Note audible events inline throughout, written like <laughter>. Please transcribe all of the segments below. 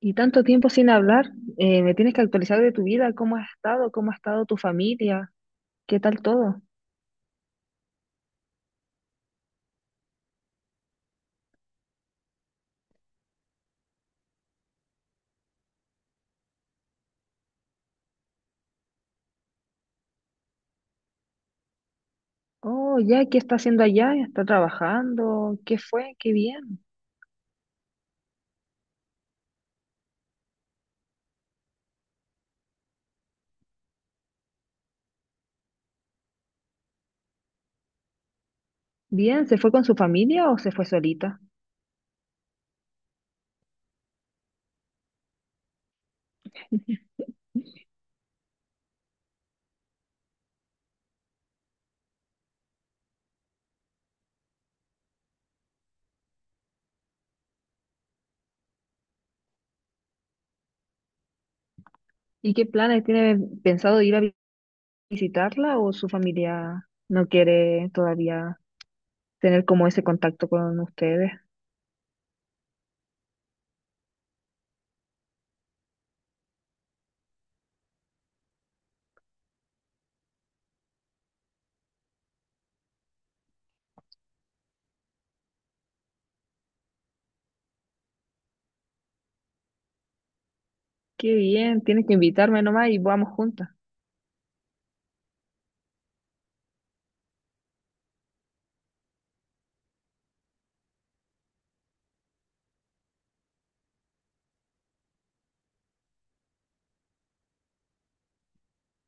Y tanto tiempo sin hablar, me tienes que actualizar de tu vida, cómo has estado, cómo ha estado tu familia, qué tal todo. Oh, ya, ¿qué está haciendo allá? ¿Está trabajando? ¿Qué fue? Qué bien. Bien, ¿se fue con su familia o se fue solita? ¿Y qué planes tiene pensado visitarla o su familia no quiere todavía tener como ese contacto con ustedes? Qué bien, tienes que invitarme nomás y vamos juntas.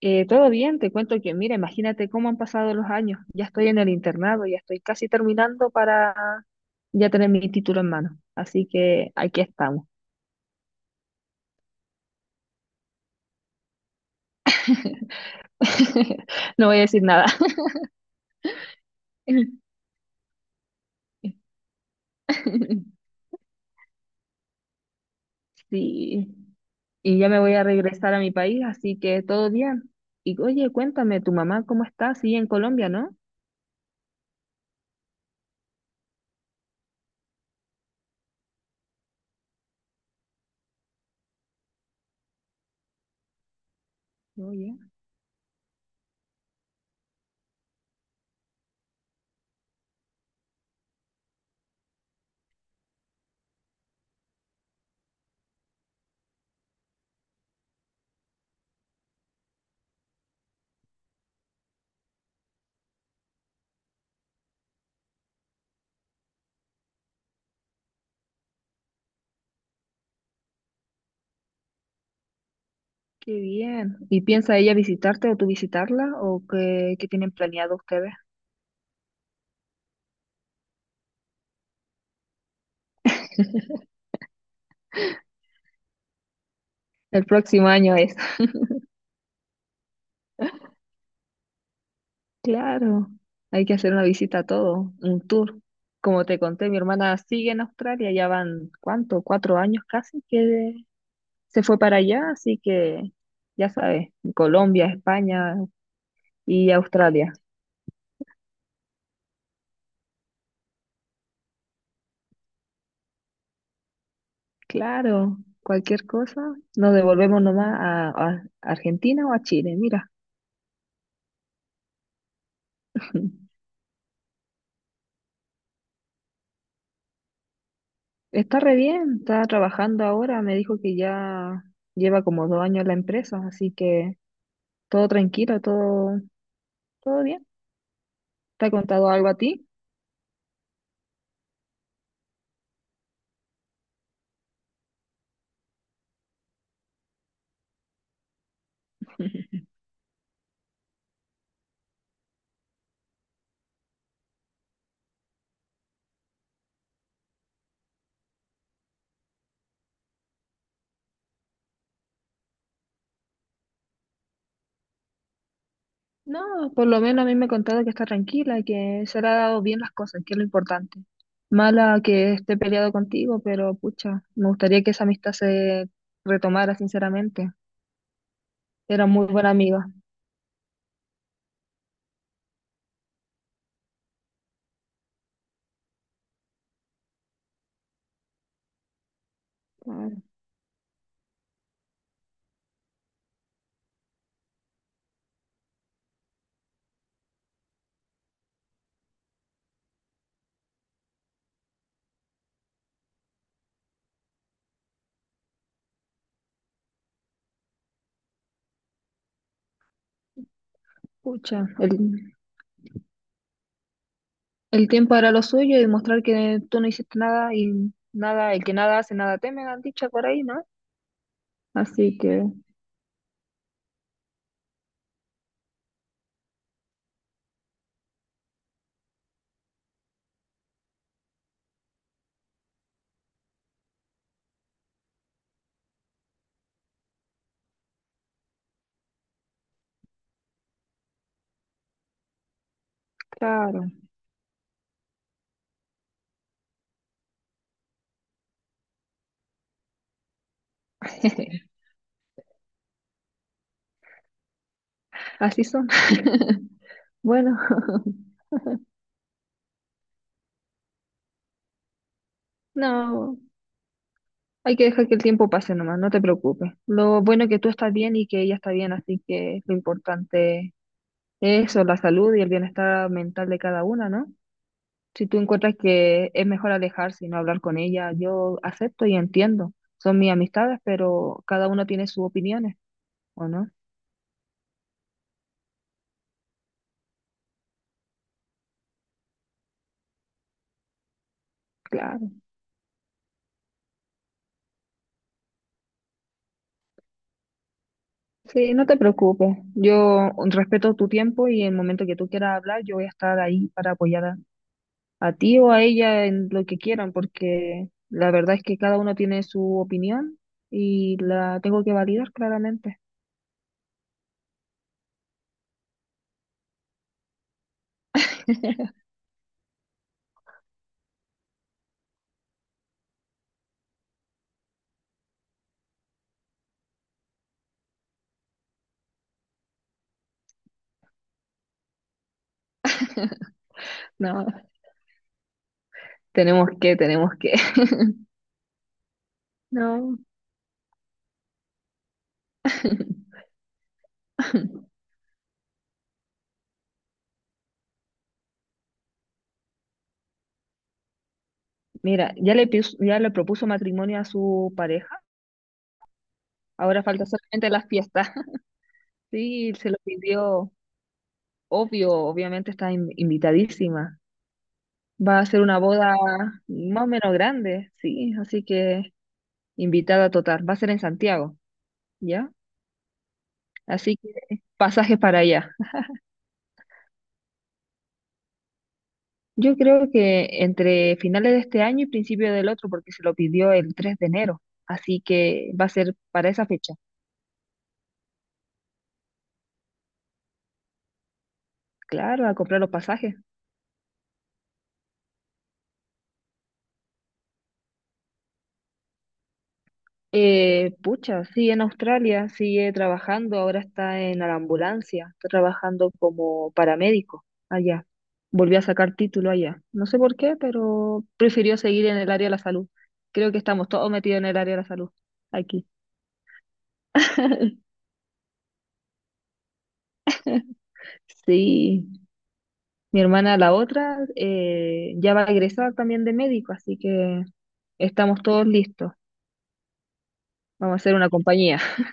Todo bien, te cuento que, mira, imagínate cómo han pasado los años. Ya estoy en el internado, ya estoy casi terminando para ya tener mi título en mano. Así que aquí estamos. <laughs> No voy a decir nada. <laughs> Sí, y ya me voy a regresar a mi país, así que todo bien. Y oye, cuéntame, tu mamá, ¿cómo está? Sí, en Colombia, ¿no? Oye, qué bien. ¿Y piensa ella visitarte o tú visitarla o qué, qué tienen planeado ustedes? El próximo año es. Claro, hay que hacer una visita a todo, un tour. Como te conté, mi hermana sigue en Australia, ya van, ¿cuánto? 4 años casi que se fue para allá, así que ya sabes, Colombia, España y Australia. Claro, cualquier cosa, nos devolvemos nomás a Argentina o a Chile, mira. <laughs> Está re bien, está trabajando ahora, me dijo que ya lleva como 2 años en la empresa, así que todo tranquilo, todo, todo bien. ¿Te ha contado algo a ti? No, por lo menos a mí me ha contado que está tranquila, que se le ha dado bien las cosas, que es lo importante. Mala que esté peleado contigo, pero pucha, me gustaría que esa amistad se retomara, sinceramente. Era muy buena amiga. Claro, pucha, el tiempo hará lo suyo y mostrar que tú no hiciste nada y nada, el que nada hace, nada teme, han dicho por ahí, ¿no? Así que, claro, <laughs> así son. <laughs> Bueno, <laughs> no. Hay que dejar que el tiempo pase nomás, no te preocupes. Lo bueno es que tú estás bien y que ella está bien, así que lo importante es eso, la salud y el bienestar mental de cada una, ¿no? Si tú encuentras que es mejor alejarse y no hablar con ella, yo acepto y entiendo. Son mis amistades, pero cada uno tiene sus opiniones, ¿o no? Claro. Sí, no te preocupes. Yo respeto tu tiempo y en el momento que tú quieras hablar, yo voy a estar ahí para apoyar a ti o a ella en lo que quieran, porque la verdad es que cada uno tiene su opinión y la tengo que validar claramente. <laughs> No, tenemos que, tenemos que. <laughs> No. <laughs> Mira, ya le propuso matrimonio a su pareja, ahora falta solamente las fiestas. <laughs> Sí, se lo pidió, obvio, obviamente está invitadísima. Va a ser una boda más o menos grande, sí, así que invitada total. Va a ser en Santiago, ¿ya? Así que pasajes para allá. Yo creo que entre finales de este año y principio del otro, porque se lo pidió el 3 de enero. Así que va a ser para esa fecha. Claro, a comprar los pasajes. Pucha, sigue en Australia, sigue trabajando, ahora está en la ambulancia, está trabajando como paramédico allá. Volvió a sacar título allá. No sé por qué, pero prefirió seguir en el área de la salud. Creo que estamos todos metidos en el área de la salud aquí. <laughs> Sí. Mi hermana, la otra, ya va a egresar también de médico, así que estamos todos listos. Vamos a hacer una compañía. <laughs>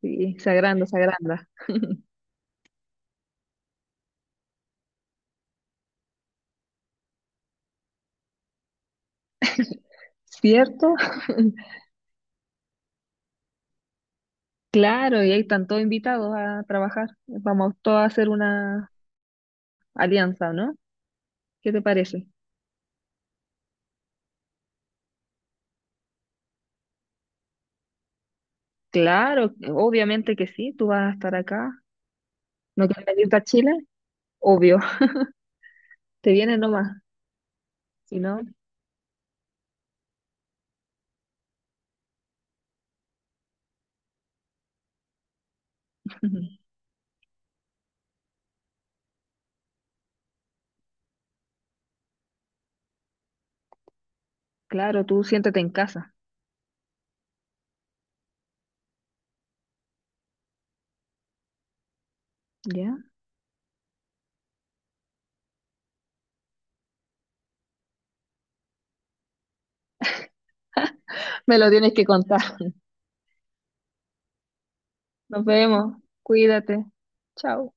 Sí, se agranda, se agranda. ¿Cierto? Claro, y ahí están todos invitados a trabajar. Vamos todos a hacer una alianza, ¿no? ¿Qué te parece? Claro, obviamente que sí, tú vas a estar acá. ¿No quieres venirte a Chile? Obvio, <laughs> te vienes nomás. Si no, <laughs> claro, tú siéntate en casa, ¿ya? Me lo tienes que contar. Nos vemos, cuídate. Chao.